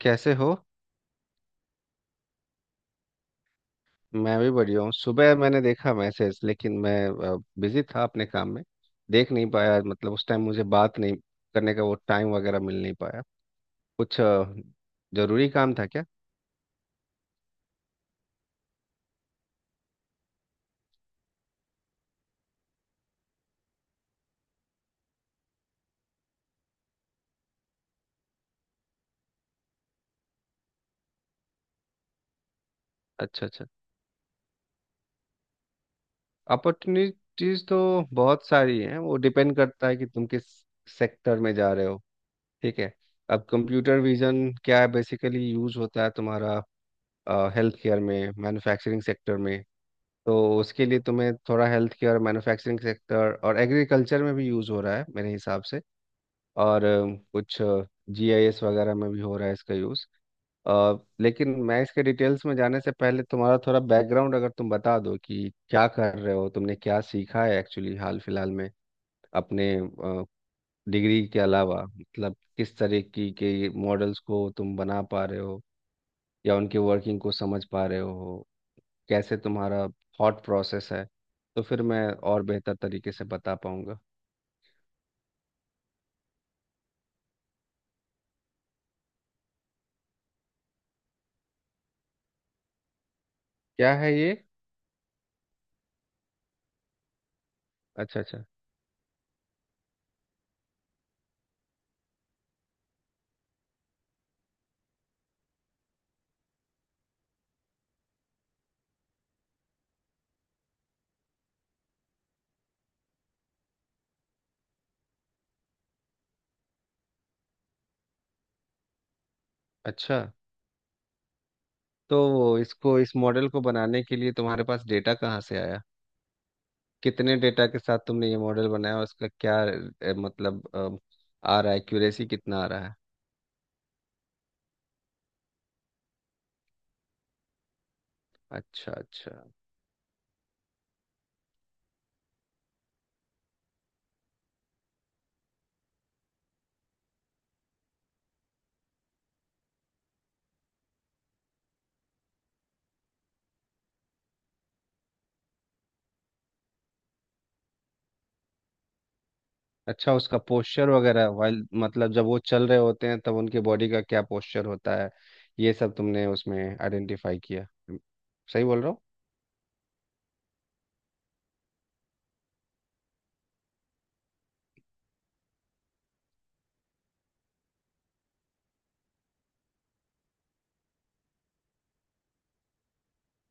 कैसे हो? मैं भी बढ़िया हूँ। सुबह मैंने देखा मैसेज, लेकिन मैं बिजी था अपने काम में, देख नहीं पाया। मतलब उस टाइम मुझे बात नहीं करने का, वो टाइम वगैरह मिल नहीं पाया। कुछ जरूरी काम था क्या? अच्छा, अच्छा। अपॉर्चुनिटीज तो बहुत सारी हैं, वो डिपेंड करता है कि तुम किस सेक्टर में जा रहे हो। ठीक है। अब कंप्यूटर विजन क्या है, बेसिकली यूज होता है तुम्हारा हेल्थ केयर में, मैन्युफैक्चरिंग सेक्टर में। तो उसके लिए तुम्हें थोड़ा हेल्थ केयर, मैन्युफैक्चरिंग सेक्टर और एग्रीकल्चर में भी यूज़ हो रहा है मेरे हिसाब से। और कुछ जीआईएस वगैरह में भी हो रहा है इसका यूज़। लेकिन मैं इसके डिटेल्स में जाने से पहले तुम्हारा थोड़ा बैकग्राउंड अगर तुम बता दो कि क्या कर रहे हो, तुमने क्या सीखा है एक्चुअली हाल फिलहाल में, अपने डिग्री के अलावा। मतलब किस तरह की के मॉडल्स को तुम बना पा रहे हो या उनके वर्किंग को समझ पा रहे हो, कैसे तुम्हारा थॉट प्रोसेस है, तो फिर मैं और बेहतर तरीके से बता पाऊंगा। क्या है ये? अच्छा, अच्छा, अच्छा। तो इसको, इस मॉडल को बनाने के लिए तुम्हारे पास डेटा कहाँ से आया, कितने डेटा के साथ तुमने ये मॉडल बनाया और इसका क्या मतलब आ रहा है, एक्यूरेसी कितना आ रहा है? अच्छा, अच्छा, अच्छा। उसका पोस्चर वगैरह वाइल, मतलब जब वो चल रहे होते हैं तब उनके बॉडी का क्या पोस्चर होता है, ये सब तुमने उसमें आइडेंटिफाई किया, सही बोल रहा हूँ?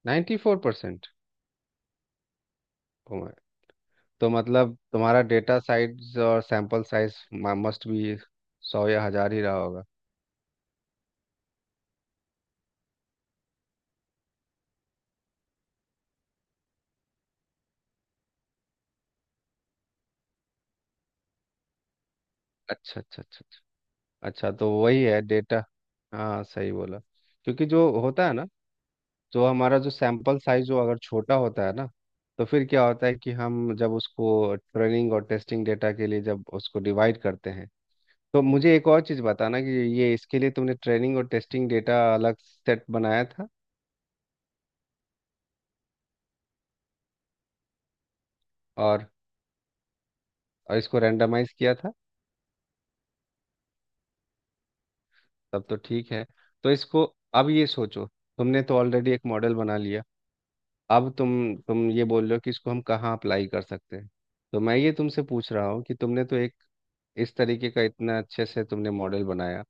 94%? तो, तो मतलब तुम्हारा डेटा साइज और सैंपल साइज मस्ट भी सौ या हजार ही रहा होगा। अच्छा, अच्छा, अच्छा, अच्छा। अच्छा, तो वही है डेटा, हाँ सही बोला। क्योंकि जो होता है ना, जो हमारा जो सैंपल साइज जो अगर छोटा होता है ना, तो फिर क्या होता है कि हम जब उसको ट्रेनिंग और टेस्टिंग डेटा के लिए जब उसको डिवाइड करते हैं। तो मुझे एक और चीज़ बताना कि ये इसके लिए तुमने ट्रेनिंग और टेस्टिंग डेटा अलग सेट बनाया था, और, और इसको रेंडमाइज किया था? तब तो ठीक है। तो इसको अब ये सोचो, तुमने तो ऑलरेडी एक मॉडल बना लिया, अब तुम ये बोल रहे हो कि इसको हम कहाँ अप्लाई कर सकते हैं। तो मैं ये तुमसे पूछ रहा हूँ कि तुमने तो एक इस तरीके का इतना अच्छे से तुमने मॉडल बनाया,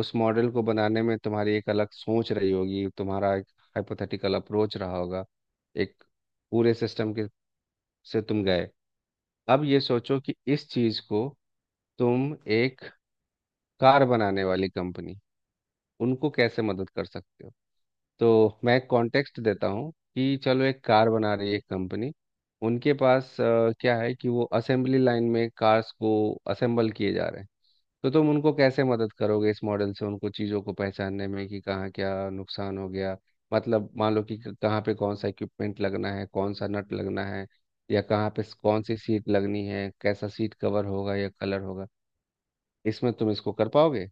उस मॉडल को बनाने में तुम्हारी एक अलग सोच रही होगी, तुम्हारा एक हाइपोथेटिकल अप्रोच रहा होगा, एक पूरे सिस्टम के से तुम गए। अब ये सोचो कि इस चीज़ को तुम एक कार बनाने वाली कंपनी, उनको कैसे मदद कर सकते हो। तो मैं कॉन्टेक्स्ट देता हूँ कि चलो एक कार बना रही है एक कंपनी, उनके पास क्या है कि वो असेंबली लाइन में कार्स को असेंबल किए जा रहे हैं। तो तुम उनको कैसे मदद करोगे इस मॉडल से, उनको चीज़ों को पहचानने में कि कहाँ क्या नुकसान हो गया। मतलब मान लो कि कहाँ पे कौन सा इक्विपमेंट लगना है, कौन सा नट लगना है, या कहाँ पे कौन सी सीट लगनी है, कैसा सीट कवर होगा या कलर होगा। इसमें तुम इसको कर पाओगे?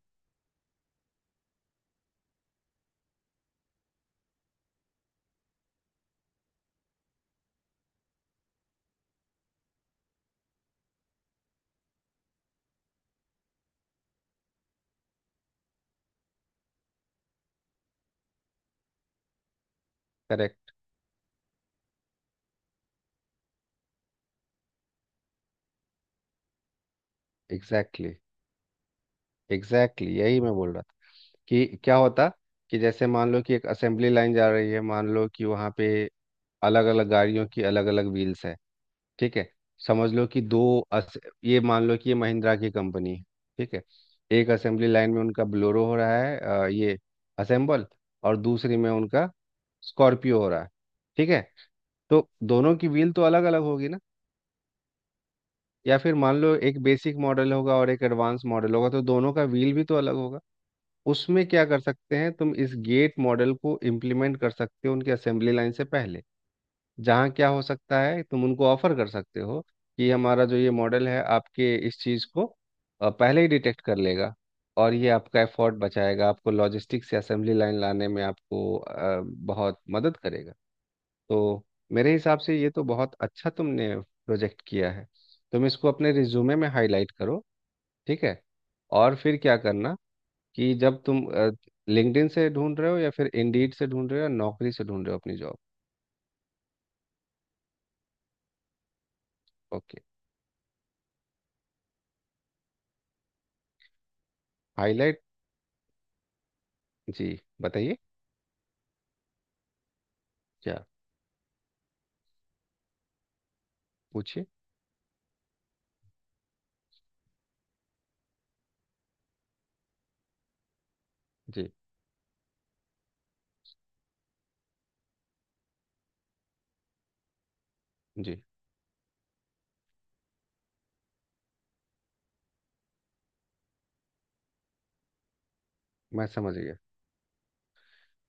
करेक्ट। एग्जैक्टली। एग्जैक्टली यही मैं बोल रहा था कि क्या होता, कि जैसे मान लो कि एक असेंबली लाइन जा रही है, मान लो कि वहाँ पे अलग अलग गाड़ियों की अलग अलग व्हील्स है। ठीक है। समझ लो कि दो, अस, ये मान लो कि ये महिंद्रा की कंपनी है। ठीक है। एक असेंबली लाइन में उनका ब्लोरो हो रहा है ये असेंबल, और दूसरी में उनका स्कॉर्पियो हो रहा है। ठीक है। तो दोनों की व्हील तो अलग अलग होगी ना। या फिर मान लो एक बेसिक मॉडल होगा और एक एडवांस मॉडल होगा तो दोनों का व्हील भी तो अलग होगा। उसमें क्या कर सकते हैं, तुम इस गेट मॉडल को इम्प्लीमेंट कर सकते हो उनके असेंबली लाइन से पहले, जहाँ क्या हो सकता है, तुम उनको ऑफर कर सकते हो कि हमारा जो ये मॉडल है आपके इस चीज़ को पहले ही डिटेक्ट कर लेगा। और ये आपका एफर्ट बचाएगा, आपको लॉजिस्टिक्स से असेंबली लाइन लाने में आपको बहुत मदद करेगा। तो मेरे हिसाब से ये तो बहुत अच्छा तुमने प्रोजेक्ट किया है। तुम इसको अपने रिज्यूमे में हाईलाइट करो। ठीक है। और फिर क्या करना कि जब तुम लिंक्डइन से ढूंढ रहे हो या फिर इंडीड से ढूंढ रहे हो या नौकरी से ढूंढ रहे हो अपनी जॉब। ओके। हाईलाइट। जी, बताइए। क्या, पूछिए। जी, जी। मैं समझ गया।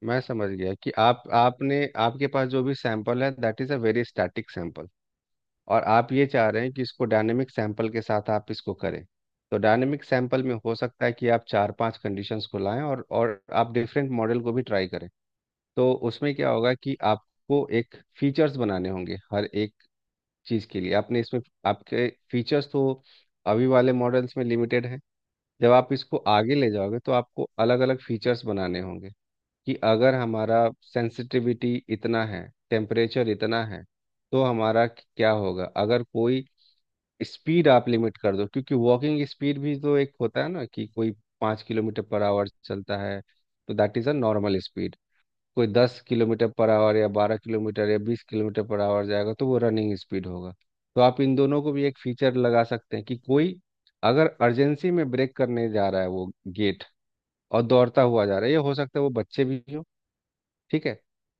मैं समझ गया कि आप आपने आपके पास जो भी सैंपल है, that is a very static sample. और आप ये चाह रहे हैं कि इसको डायनेमिक सैंपल के साथ आप इसको करें। तो डायनेमिक सैंपल में हो सकता है कि आप चार पांच कंडीशंस को लाएं, और आप डिफरेंट मॉडल को भी ट्राई करें। तो उसमें क्या होगा कि आपको एक फीचर्स बनाने होंगे हर एक चीज़ के लिए, आपने इसमें आपके फीचर्स तो अभी वाले मॉडल्स में लिमिटेड हैं। जब आप इसको आगे ले जाओगे तो आपको अलग अलग फीचर्स बनाने होंगे, कि अगर हमारा सेंसिटिविटी इतना है, टेम्परेचर इतना है, तो हमारा क्या होगा अगर कोई स्पीड आप लिमिट कर दो, क्योंकि वॉकिंग स्पीड भी तो एक होता है ना कि कोई 5 किलोमीटर पर आवर चलता है। तो that is a normal speed. कोई 10 किलोमीटर पर आवर या 12 किलोमीटर या 20 किलोमीटर पर आवर जाएगा तो वो रनिंग स्पीड होगा। तो आप इन दोनों को भी एक फीचर लगा सकते हैं, कि कोई अगर अर्जेंसी में ब्रेक करने जा रहा है वो गेट, और दौड़ता हुआ जा रहा है, ये हो सकता है वो बच्चे भी हो। ठीक है।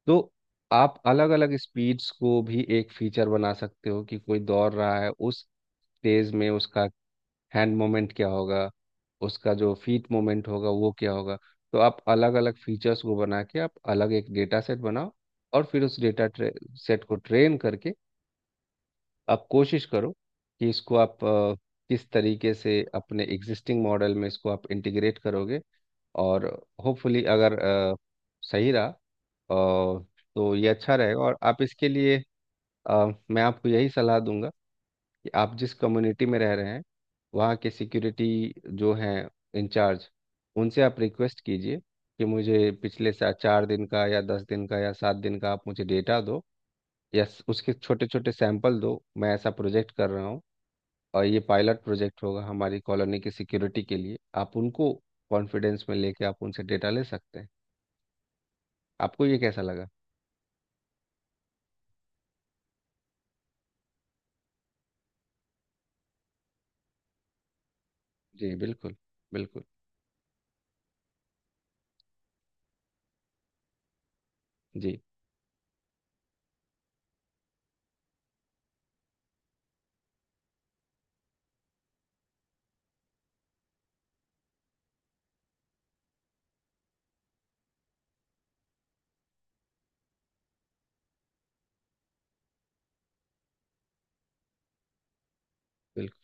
तो आप अलग अलग स्पीड्स को भी एक फीचर बना सकते हो, कि कोई दौड़ रहा है उस तेज में उसका हैंड मोमेंट क्या होगा, उसका जो फीट मोमेंट होगा वो क्या होगा। तो आप अलग अलग फीचर्स को बना के आप अलग एक डेटा सेट बनाओ, और फिर उस डेटा सेट को ट्रेन करके आप कोशिश करो कि इसको आप किस तरीके से अपने एग्जिस्टिंग मॉडल में इसको आप इंटीग्रेट करोगे। और होपफुली अगर सही रहा, तो ये अच्छा रहेगा, और आप इसके लिए अ, मैं आपको यही सलाह दूंगा। आप जिस कम्युनिटी में रह रहे हैं, वहाँ के सिक्योरिटी जो हैं इंचार्ज, उनसे आप रिक्वेस्ट कीजिए कि मुझे पिछले सा 4 दिन का या 10 दिन का या 7 दिन का आप मुझे डेटा दो, या उसके छोटे छोटे सैंपल दो, मैं ऐसा प्रोजेक्ट कर रहा हूँ, और ये पायलट प्रोजेक्ट होगा हमारी कॉलोनी की सिक्योरिटी के लिए। आप उनको कॉन्फिडेंस में लेके आप उनसे डेटा ले सकते हैं। आपको ये कैसा लगा? जी बिल्कुल। बिल्कुल। जी बिल्कुल।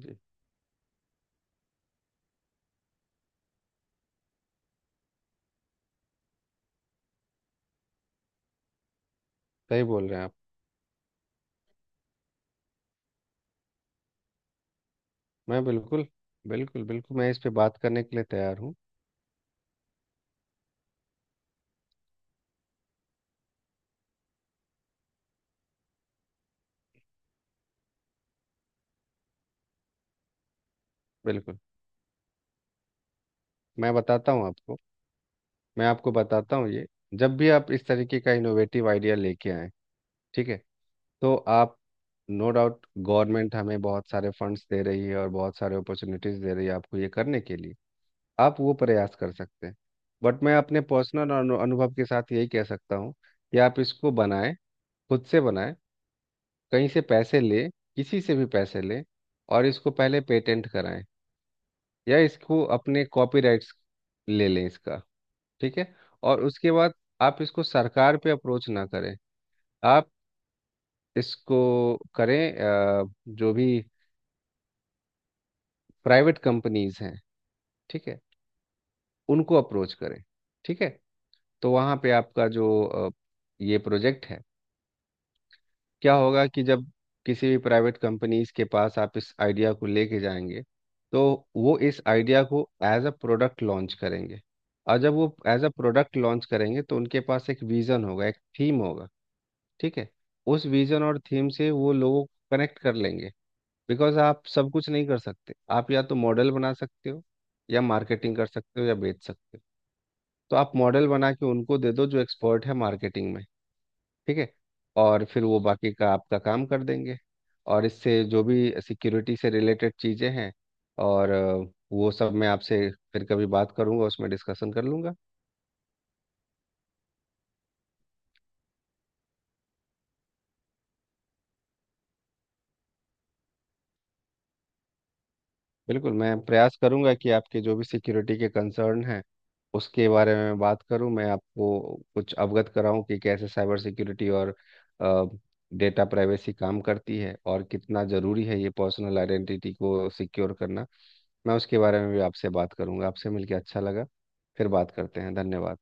जी। सही बोल रहे हैं आप। मैं बिल्कुल, बिल्कुल, बिल्कुल, मैं इस पे बात करने के लिए तैयार हूँ। बिल्कुल। मैं बताता हूँ आपको। मैं आपको बताता हूँ, ये जब भी आप इस तरीके का इनोवेटिव आइडिया लेके आए, ठीक है, तो आप, नो डाउट गवर्नमेंट हमें बहुत सारे फंड्स दे रही है और बहुत सारे अपॉर्चुनिटीज दे रही है आपको ये करने के लिए, आप वो प्रयास कर सकते हैं। बट मैं अपने पर्सनल अनुभव के साथ यही कह सकता हूँ कि आप इसको बनाएं, खुद से बनाएं, कहीं से पैसे लें, किसी से भी पैसे लें, और इसको पहले पेटेंट कराएं या इसको अपने कॉपीराइट्स ले लें इसका। ठीक है। और उसके बाद आप इसको सरकार पे अप्रोच ना करें, आप इसको करें जो भी प्राइवेट कंपनीज हैं, ठीक है, उनको अप्रोच करें। ठीक है। तो वहाँ पे आपका जो ये प्रोजेक्ट है, क्या होगा कि जब किसी भी प्राइवेट कंपनीज के पास आप इस आइडिया को लेके जाएंगे, तो वो इस आइडिया को एज अ प्रोडक्ट लॉन्च करेंगे। और जब वो एज अ प्रोडक्ट लॉन्च करेंगे तो उनके पास एक विजन होगा, एक थीम होगा। ठीक है। उस विजन और थीम से वो लोगों को कनेक्ट कर लेंगे। बिकॉज आप सब कुछ नहीं कर सकते, आप या तो मॉडल बना सकते हो या मार्केटिंग कर सकते हो या बेच सकते हो। तो आप मॉडल बना के उनको दे दो जो एक्सपर्ट है मार्केटिंग में। ठीक है। और फिर वो बाकी का आपका काम कर देंगे। और इससे जो भी सिक्योरिटी से रिलेटेड चीज़ें हैं और वो सब मैं आपसे फिर कभी बात करूंगा, उसमें डिस्कशन कर लूंगा। बिल्कुल, मैं प्रयास करूंगा कि आपके जो भी सिक्योरिटी के कंसर्न हैं उसके बारे में बात करूं, मैं आपको कुछ अवगत कराऊं कि कैसे साइबर सिक्योरिटी और डेटा प्राइवेसी काम करती है, और कितना ज़रूरी है ये पर्सनल आइडेंटिटी को सिक्योर करना। मैं उसके बारे में भी आपसे बात करूंगा। आपसे मिलकर अच्छा लगा, फिर बात करते हैं, धन्यवाद।